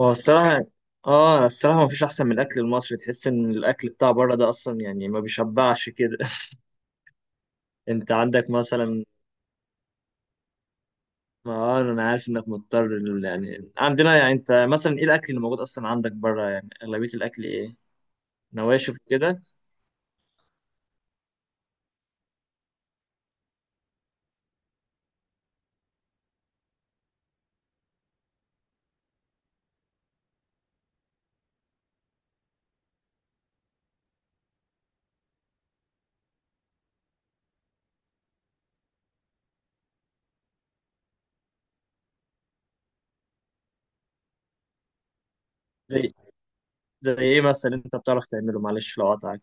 هو الصراحة اه الصراحة ما فيش أحسن من الأكل المصري، تحس إن الأكل بتاع بره ده أصلا يعني ما بيشبعش كده. أنت عندك مثلا، ما أنا عارف إنك مضطر يعني عندنا، يعني أنت مثلا إيه الأكل اللي موجود أصلا عندك بره؟ يعني أغلبية الأكل إيه؟ نواشف كده. زي زي إيه مثلا أنت بتعرف تعمله، معلش لو قطعك.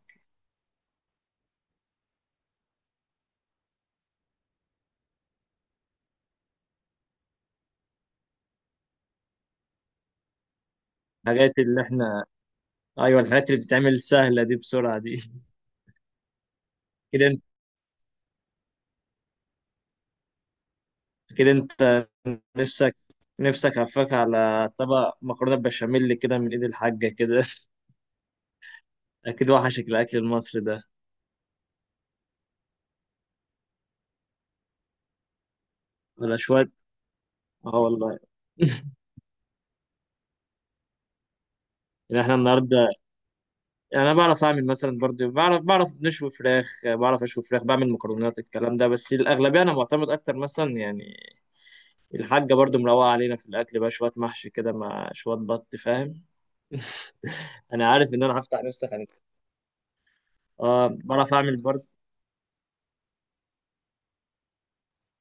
الحاجات اللي إحنا، أيوه الحاجات اللي بتتعمل سهلة دي بسرعة دي. كده أنت كده أنت نفسك نفسك هفاك على طبق مكرونة بشاميل كده من إيد الحاجة كده. اكيد وحشك الاكل المصري ده، ولا شوية. اه والله. يعني احنا النهارده، يعني انا بعرف اعمل مثلا برضو، بعرف نشوي فراخ، بعرف اشوي فراخ، بعمل مكرونات، الكلام ده. بس الاغلبيه انا معتمد اكتر مثلا يعني الحاجه برضو مروقه علينا في الاكل بقى، شويه محشي كده مع شويه بط، فاهم. انا عارف ان انا هفتح نفسي خانق. اه بعرف اعمل برضو.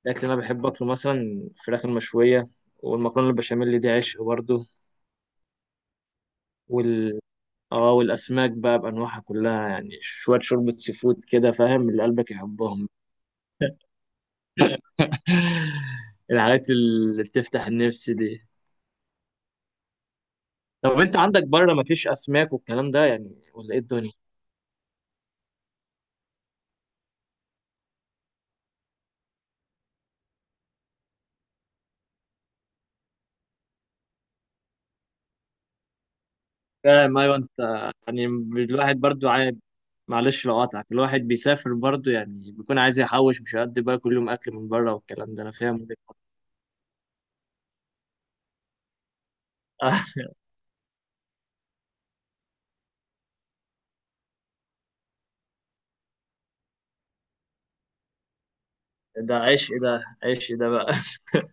الاكل اللي انا بحب اكله مثلا الفراخ المشويه، والمكرونه البشاميل دي عشق برضو. اه، والاسماك بقى بانواعها كلها، يعني شويه شوربه سي فود كده، فاهم، اللي قلبك يحبهم. الحاجات اللي بتفتح النفس دي. طب انت عندك بره مفيش اسماك والكلام ده يعني، ولا ايه الدنيا؟ فاهم، ايوه، انت يعني الواحد برضو عايز، معلش لو قاطعك، الواحد بيسافر برضو يعني بيكون عايز يحوش، مش هيقضي بقى كل يوم اكل من بره والكلام ده، انا فاهم وجهة نظرك. ده عيش، ده عيش ده بقى.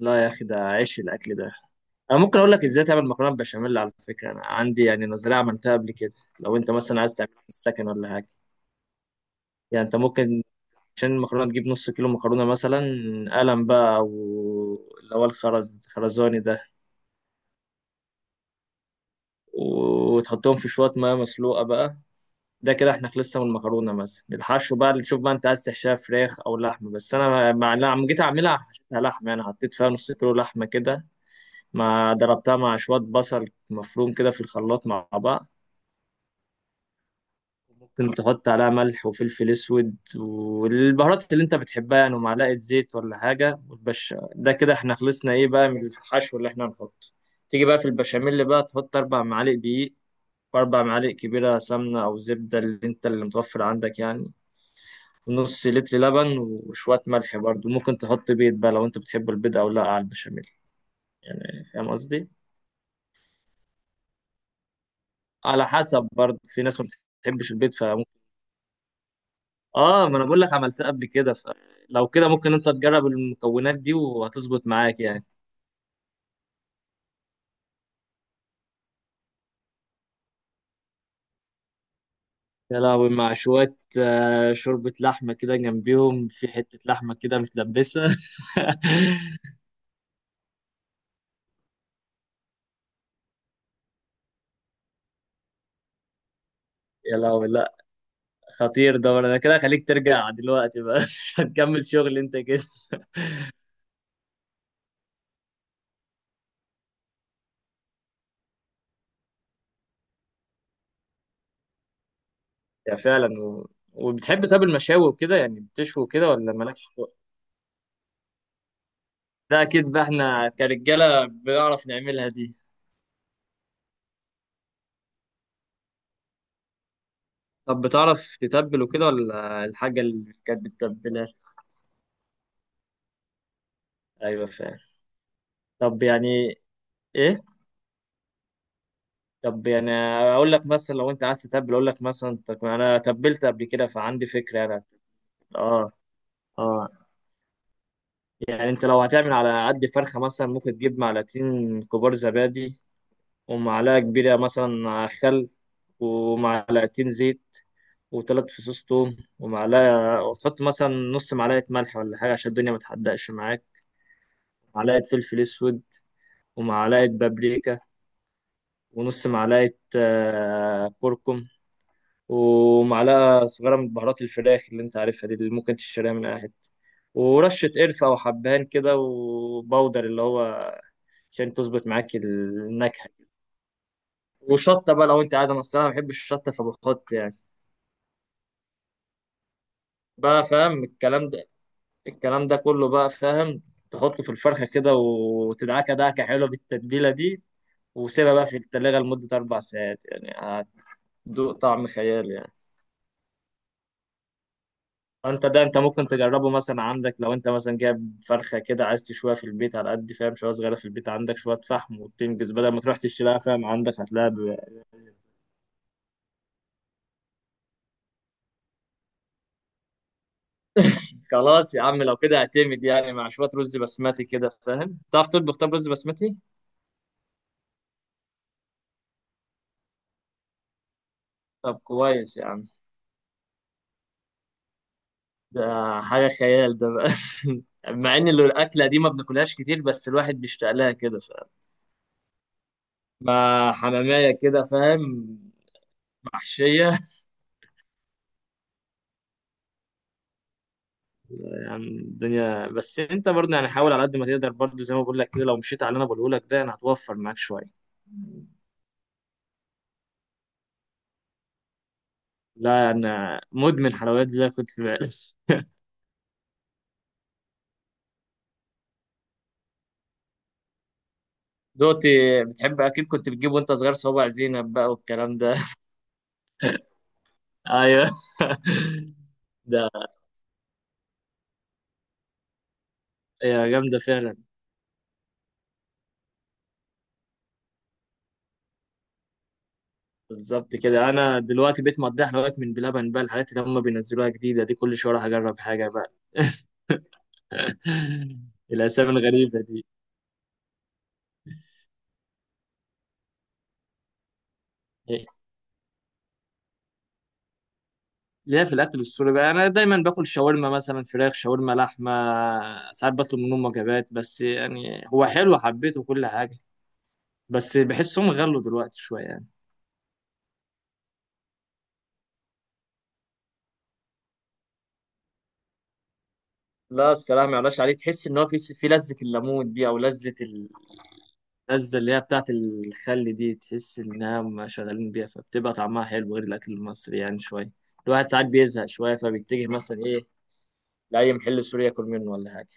لا يا اخي ده عيش الاكل ده. انا ممكن اقول لك ازاي تعمل مكرونه بشاميل، على فكره انا عندي يعني نظريه عملتها قبل كده، لو انت مثلا عايز تعملها في السكن ولا حاجه. يعني انت ممكن، عشان المكرونه تجيب نص كيلو مكرونه مثلا، قلم بقى او اللي هو الخرز خرزاني ده، وتحطهم في شويه ميه مسلوقه بقى. ده كده احنا خلصنا من المكرونه. مثلا الحشو بقى اللي تشوف بقى انت عايز تحشيها فراخ او لحمه، بس انا مع لما جيت اعملها حشيتها لحمه، يعني حطيت فيها نص كيلو لحمه كده، مع ضربتها مع شويه بصل مفروم كده في الخلاط مع بعض، ممكن تحط عليها ملح وفلفل اسود والبهارات اللي انت بتحبها يعني، ومعلقه زيت ولا حاجه وتبش، ده كده احنا خلصنا ايه بقى من الحشو اللي احنا هنحطه. تيجي بقى في البشاميل بقى، تحط 4 معالق دقيق، و4 معالق كبيره سمنه او زبده، اللي متوفر عندك يعني، ونص لتر لبن وشويه ملح، برضو ممكن تحط بيض بقى لو انت بتحب البيض او لا على البشاميل، يعني فاهم قصدي، على حسب، برضو في ناس ما بتحبش البيض، اه ما انا بقول لك عملتها قبل كده، فلو كده ممكن انت تجرب المكونات دي وهتظبط معاك يعني. يا لهوي، مع شوية شوربة لحمة كده جنبيهم في حتة لحمة كده متلبسة. يا لهوي، لا، خطير ده، انا كده خليك ترجع دلوقتي بقى. مش هتكمل شغل انت كده. يا فعلا. و... وبتحب طب المشاوي وكده يعني، بتشوي كده ولا مالكش فوق؟ ده اكيد بقى، احنا كرجالة بنعرف نعملها دي. طب بتعرف تتبل وكده، ولا الحاجة اللي كانت بتتبلها؟ ايوه فعلا. طب يعني ايه، طب يعني اقول لك مثلا لو انت عايز تتبل، اقول لك مثلا، طب انا تبلت قبل كده فعندي فكره انا. اه، اه، يعني انت لو هتعمل على قد فرخه مثلا، ممكن تجيب معلقتين كبار زبادي، ومعلقه كبيره مثلا خل، ومعلقتين زيت، و3 فصوص توم، ومعلقه، وتحط مثلا نص معلقه ملح ولا حاجه عشان الدنيا ما تحدقش معاك، معلقه فلفل اسود، ومعلقه بابريكا، ونص معلقه كركم، ومعلقة صغيرة من بهارات الفراخ اللي انت عارفها دي، اللي ممكن تشتريها من اي حتة، ورشة قرفة أو حبهان كده وبودر اللي هو عشان تظبط معاك النكهة، وشطة بقى لو أنت عايز، أنا الصراحة ما بحبش الشطة فبحط يعني، بقى فاهم الكلام ده، الكلام ده كله بقى فاهم. تحطه في الفرخة كده وتدعكة دعكة حلوة بالتتبيلة دي، وسيبها بقى في التلاجة لمدة 4 ساعات يعني، هتدوق طعم خيالي يعني. فانت ده انت ممكن تجربه مثلا، عندك لو انت مثلا جايب فرخه كده عايز تشويها في البيت على قد، فاهم، شويه صغيره في البيت، عندك شويه فحم وبتنجز بدل ما تروح تشتريها، فاهم، عندك هتلاقيها خلاص يا عم، لو كده اعتمد يعني، مع شويه رز بسمتي كده، فاهم، تعرف تطبخ طب رز بسمتي؟ طب كويس يا عم، ده حاجه خيال ده بقى. مع ان اللي الاكله دي ما بناكلهاش كتير، بس الواحد بيشتاق لها كده، فاهم، مع حماميه كده، فاهم، محشيه، يعني الدنيا، بس انت برضه يعني حاول على قد ما تقدر برضه، زي ما بقول لك كده، لو مشيت على اللي انا بقوله لك ده يعني هتوفر معاك شويه. لا، انا مدمن حلويات زي ما كنت في بالك. دوتي، بتحب اكيد كنت بتجيب وانت صغير صوابع زينب بقى والكلام ده. ايوه. ده هي جامده فعلا. بالظبط كده، انا دلوقتي بقيت مقضيها حلويات من بلبن بقى، الحاجات اللي هم بينزلوها جديده دي كل شويه اروح اجرب حاجه بقى. الاسامي الغريبه دي. ليا في الاكل السوري بقى، انا دايما باكل شاورما مثلا، فراخ شاورما لحمه، ساعات بطلب منهم وجبات، بس يعني هو حلو، حبيته كل حاجه، بس بحسهم غلوا دلوقتي شويه يعني. لا الصراحة ما يعلاش عليه، تحس إن هو في لذة الليمون دي، أو لذة اللذه اللي هي بتاعت الخل دي، تحس انها ما شغالين بيها فبتبقى طعمها حلو غير الاكل المصري يعني شويه. الواحد ساعات بيزهق شويه فبيتجه مثلا ايه، لاي محل سوري ياكل منه ولا حاجه.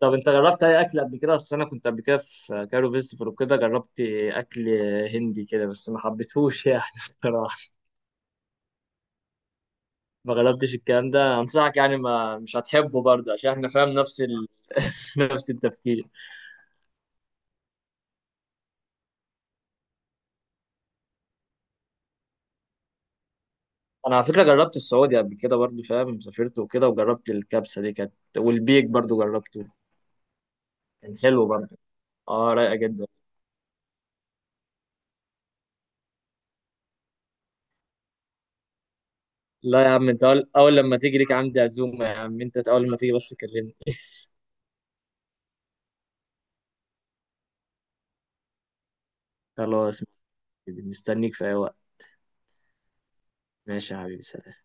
طب انت جربت اي اكل قبل كده؟ اصل انا كنت قبل كده في كايرو فيستيفال وكده، جربت اكل هندي كده بس ما حبيتهوش يعني. الصراحه، ما جربتش الكلام ده، انصحك يعني، ما مش هتحبه برضه عشان احنا فاهم نفس نفس التفكير. انا على فكره جربت السعودي قبل كده برضه، فاهم، سافرت وكده وجربت الكبسه دي، كانت، والبيك برضه جربته، كان حلو برضه. اه، رايقه جدا. لا يا عم، انت اول لما تيجي ليك عندي عزومه يا عم، انت اول لما تيجي بس كلمني. خلاص، مستنيك في اي وقت. ماشي يا حبيبي، سلام.